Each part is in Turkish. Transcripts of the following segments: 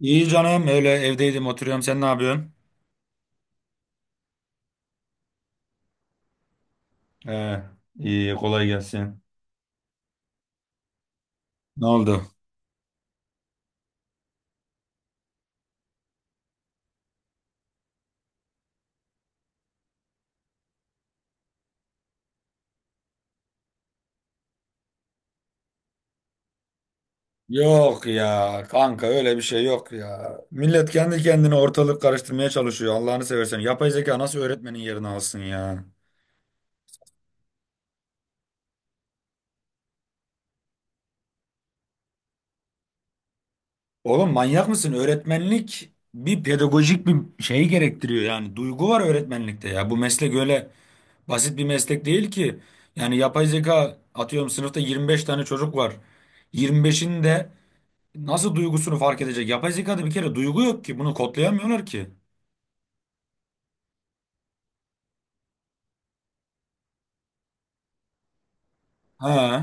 İyi canım öyle evdeydim oturuyorum, sen ne yapıyorsun? He, iyi kolay gelsin. Ne oldu? Yok ya kanka, öyle bir şey yok ya. Millet kendi kendine ortalık karıştırmaya çalışıyor. Allah'ını seversen, yapay zeka nasıl öğretmenin yerini alsın ya? Oğlum, manyak mısın? Öğretmenlik bir pedagojik bir şey gerektiriyor, yani duygu var öğretmenlikte ya. Bu meslek öyle basit bir meslek değil ki. Yani yapay zeka, atıyorum, sınıfta 25 tane çocuk var. 25'in de nasıl duygusunu fark edecek? Yapay zekada bir kere duygu yok ki. Bunu kodlayamıyorlar ki. He.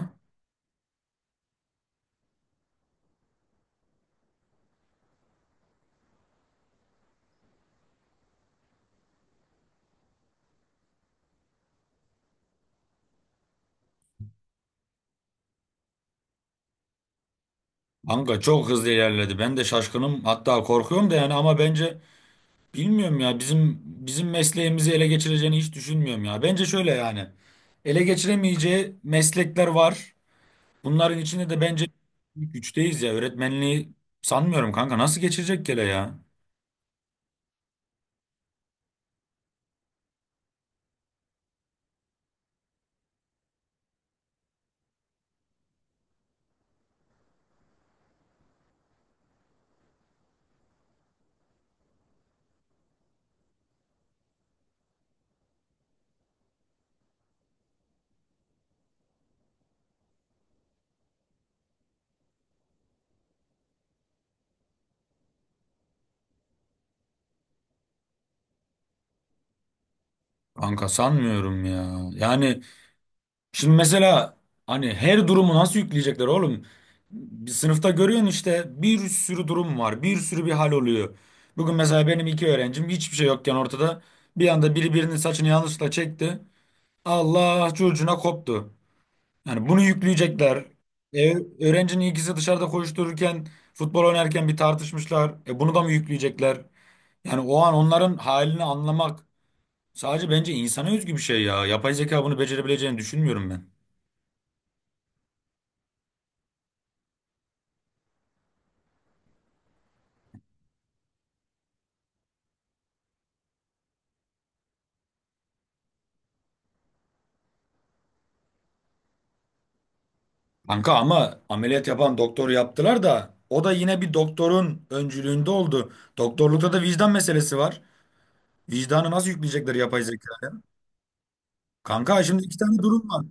Kanka çok hızlı ilerledi. Ben de şaşkınım. Hatta korkuyorum da yani, ama bence bilmiyorum ya. Bizim mesleğimizi ele geçireceğini hiç düşünmüyorum ya. Bence şöyle yani. Ele geçiremeyeceği meslekler var. Bunların içinde de bence ilk üçteyiz ya. Öğretmenliği sanmıyorum kanka. Nasıl geçirecek gele ya? Kanka sanmıyorum ya. Yani şimdi mesela, hani her durumu nasıl yükleyecekler oğlum? Bir sınıfta görüyorsun, işte bir sürü durum var. Bir sürü bir hal oluyor. Bugün mesela benim iki öğrencim hiçbir şey yokken ortada, bir anda biri birinin saçını yanlışlıkla çekti. Allah çocuğuna koptu. Yani bunu yükleyecekler. E, Öğrencinin ikisi dışarıda koştururken, futbol oynarken bir tartışmışlar. Bunu da mı yükleyecekler? Yani o an onların halini anlamak, sadece bence insana özgü bir şey ya. Yapay zeka bunu becerebileceğini düşünmüyorum ben. Kanka, ama ameliyat yapan doktor yaptılar da, o da yine bir doktorun öncülüğünde oldu. Doktorlukta da vicdan meselesi var. Vicdanı nasıl yükleyecekler yapay zekaya? Kanka şimdi iki tane durum var.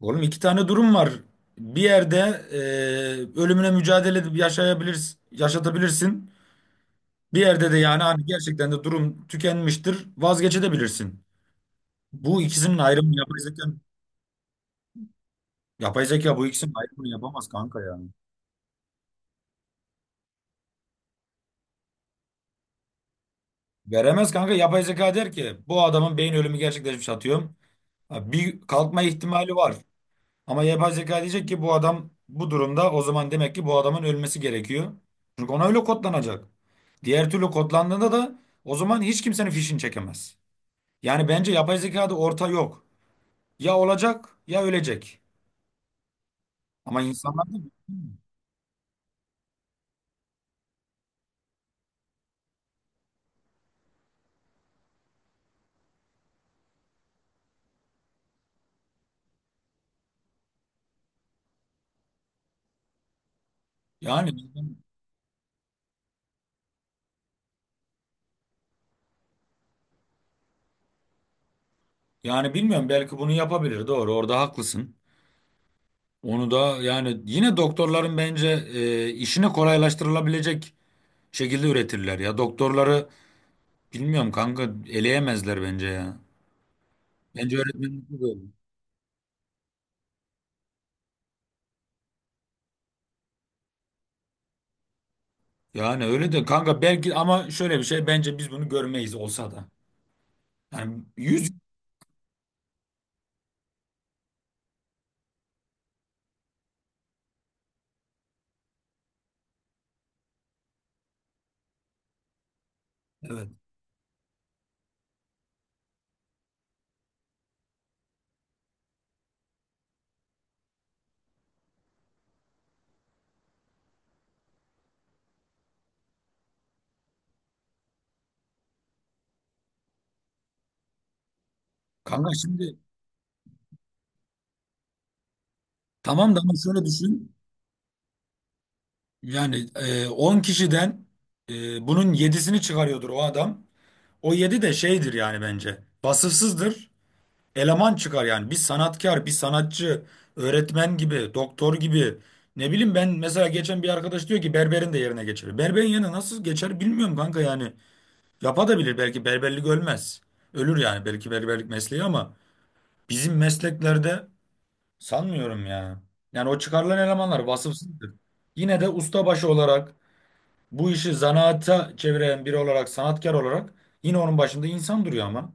Oğlum, iki tane durum var. Bir yerde ölümüne mücadele edip yaşayabilirsin, yaşatabilirsin. Bir yerde de yani, hani, gerçekten de durum tükenmiştir, vazgeçebilirsin. Bu ikisinin ayrımını yapay zeka bu ikisinin ayrımını yapamaz kanka ya. Veremez kanka, yapay zeka der ki bu adamın beyin ölümü gerçekleşmiş atıyorum. Ha, bir kalkma ihtimali var. Ama yapay zeka diyecek ki bu adam bu durumda, o zaman demek ki bu adamın ölmesi gerekiyor. Çünkü ona öyle kodlanacak. Diğer türlü kodlandığında da, o zaman hiç kimsenin fişini çekemez. Yani bence yapay zekada orta yok. Ya olacak, ya ölecek. Ama insanlar da yani yani bilmiyorum, belki bunu yapabilir, doğru, orada haklısın. Onu da yani yine doktorların bence işini kolaylaştırılabilecek şekilde üretirler ya. Doktorları bilmiyorum kanka, eleyemezler bence ya. Bence öğretmenlik de öyle. Yani öyle de kanka, belki, ama şöyle bir şey, bence biz bunu görmeyiz olsa da. Yani yüz. Evet. Kanka şimdi tamam da, ama şöyle düşün. Yani 10 kişiden bunun yedisini çıkarıyordur o adam. O 7 de şeydir yani bence. Vasıfsızdır. Eleman çıkar yani. Bir sanatkar, bir sanatçı, öğretmen gibi, doktor gibi. Ne bileyim, ben mesela geçen bir arkadaş diyor ki berberin de yerine geçer. Berberin yerine nasıl geçer bilmiyorum kanka yani. Yapabilir belki, berberlik ölmez. Ölür yani belki berberlik mesleği, ama bizim mesleklerde sanmıyorum ya. Yani o çıkarılan elemanlar vasıfsızdır. Yine de ustabaşı olarak, bu işi zanaata çeviren biri olarak, sanatkar olarak, yine onun başında insan duruyor ama.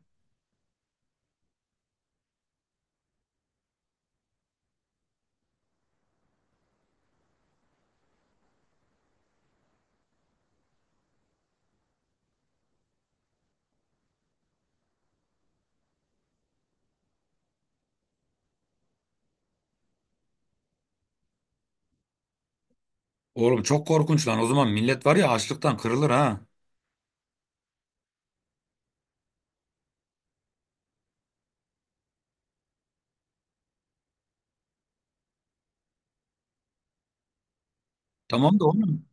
Oğlum, çok korkunç lan. O zaman millet var ya, açlıktan kırılır ha. Tamam da oğlum.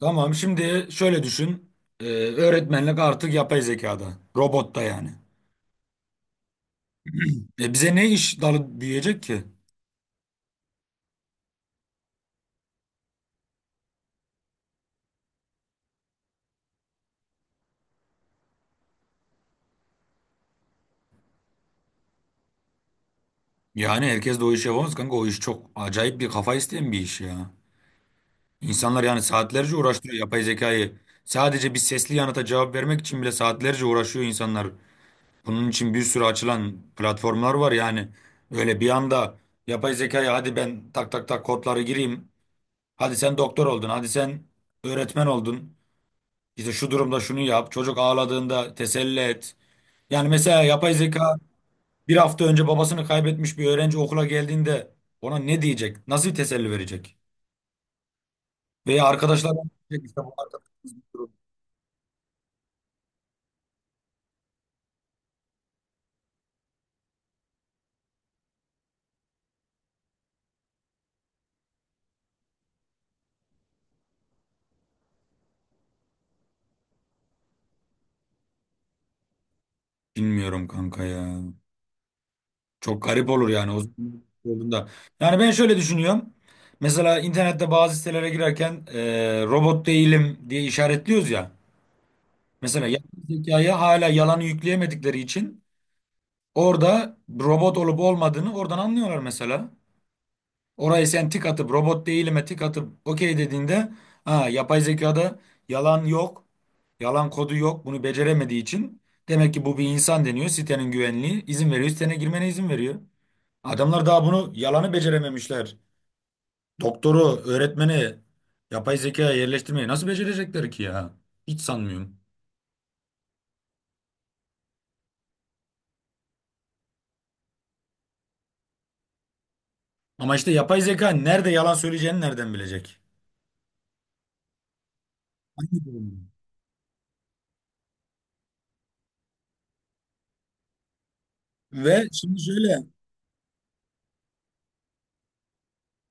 Tamam, şimdi şöyle düşün. Öğretmenlik artık yapay zekada. Robotta yani. E, bize ne iş dalı büyüyecek ki? Yani herkes de o işi yapamaz kanka. O iş çok acayip bir kafa isteyen bir iş ya. İnsanlar yani saatlerce uğraştırıyor yapay zekayı. Sadece bir sesli yanıta cevap vermek için bile saatlerce uğraşıyor insanlar. Bunun için bir sürü açılan platformlar var yani. Öyle bir anda yapay zekaya, hadi ben tak tak tak kodları gireyim. Hadi sen doktor oldun. Hadi sen öğretmen oldun. İşte şu durumda şunu yap. Çocuk ağladığında teselli et. Yani mesela yapay zeka, bir hafta önce babasını kaybetmiş bir öğrenci okula geldiğinde ona ne diyecek? Nasıl bir teselli verecek? Veya arkadaşlar, işte bu arkadaşımız bir durum. Bilmiyorum kanka ya. Çok garip olur yani, o olduğunda. Yani ben şöyle düşünüyorum. Mesela internette bazı sitelere girerken robot değilim diye işaretliyoruz ya. Mesela yapay zekaya hala yalanı yükleyemedikleri için orada robot olup olmadığını oradan anlıyorlar mesela. Orayı sen tik atıp, robot değilime tik atıp okey dediğinde, ha, yapay zekada yalan yok. Yalan kodu yok. Bunu beceremediği için demek ki bu bir insan deniyor. Sitenin güvenliği izin veriyor. Sitene girmene izin veriyor. Adamlar daha bunu, yalanı becerememişler. Doktoru, öğretmeni yapay zekaya yerleştirmeyi nasıl becerecekler ki ya? Hiç sanmıyorum. Ama işte yapay zeka nerede yalan söyleyeceğini nereden bilecek? Hangi durumda? Ve şimdi şöyle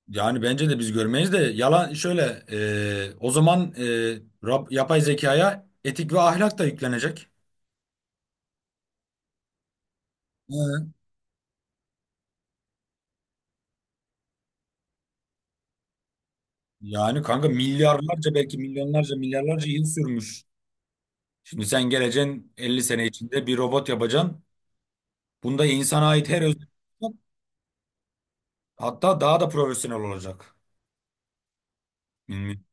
Yani bence de biz görmeyiz, de yalan şöyle, o zaman yapay zekaya etik ve ahlak da yüklenecek. Hı. Yani kanka milyarlarca, belki milyonlarca, milyarlarca yıl sürmüş. Şimdi sen geleceksin, 50 sene içinde bir robot yapacaksın. Bunda insana ait her özellik var, hatta daha da profesyonel olacak. Bilmiyorum.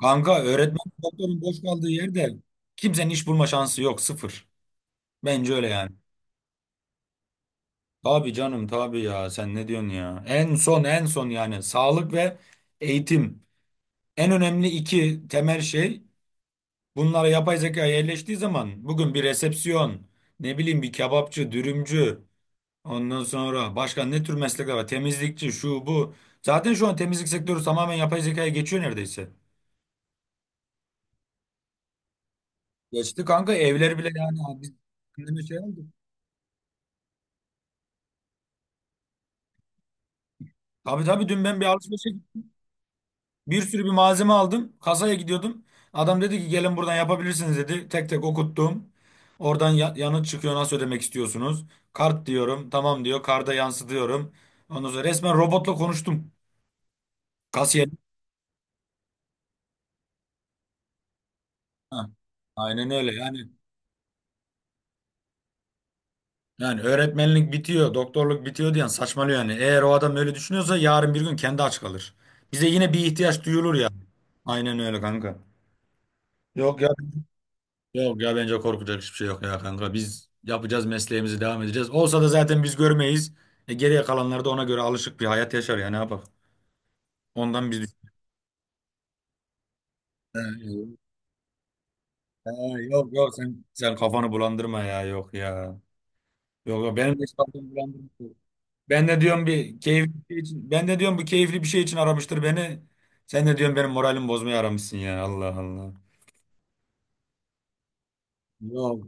Kanka, öğretmen doktorun boş kaldığı yerde kimsenin iş bulma şansı yok, sıfır. Bence öyle yani. Tabii canım, tabii ya, sen ne diyorsun ya? En son, en son yani, sağlık ve eğitim. En önemli iki temel şey, bunlara yapay zeka yerleştiği zaman, bugün bir resepsiyon, ne bileyim, bir kebapçı, dürümcü, ondan sonra başka ne tür meslekler var? Temizlikçi, şu bu. Zaten şu an temizlik sektörü tamamen yapay zekaya geçiyor neredeyse. Geçti kanka, evler bile yani. Biz kendime şey aldık. Tabii tabii, dün ben bir alışverişe. Bir sürü bir malzeme aldım. Kasaya gidiyordum. Adam dedi ki gelin buradan yapabilirsiniz dedi. Tek tek okuttum. Oradan yanıt çıkıyor, nasıl ödemek istiyorsunuz? Kart diyorum. Tamam diyor. Karda yansıtıyorum. Ondan sonra resmen robotla konuştum. Kasiyer. Ha, aynen öyle yani. Yani öğretmenlik bitiyor, doktorluk bitiyor diyen saçmalıyor yani. Eğer o adam öyle düşünüyorsa, yarın bir gün kendi aç kalır. Bize yine bir ihtiyaç duyulur ya. Aynen öyle kanka. Yok. Yok ya, bence korkacak hiçbir şey yok ya kanka. Biz yapacağız, mesleğimizi devam edeceğiz. Olsa da zaten biz görmeyiz. E, geriye kalanlar da ona göre alışık bir hayat yaşar ya, ne yapalım. Ondan biz. He, he, yok yok, sen kafanı bulandırma ya, yok ya. Yok yok, benim de hiç kafamı bulandırma. Ben de diyorum bu keyifli bir şey için aramıştır beni. Sen de diyorum, benim moralimi bozmaya aramışsın ya, Allah Allah. Yok,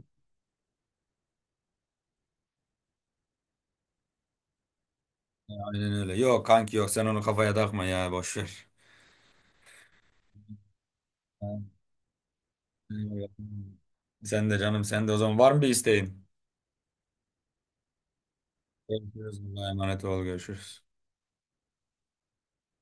aynen öyle. Yok kanki, yok, sen onu kafaya takma ya, boş ver. Eyvallah. Sen de canım, sen de, o zaman var mı bir isteğin? Görüşürüz. Allah'a emanet ol. Görüşürüz.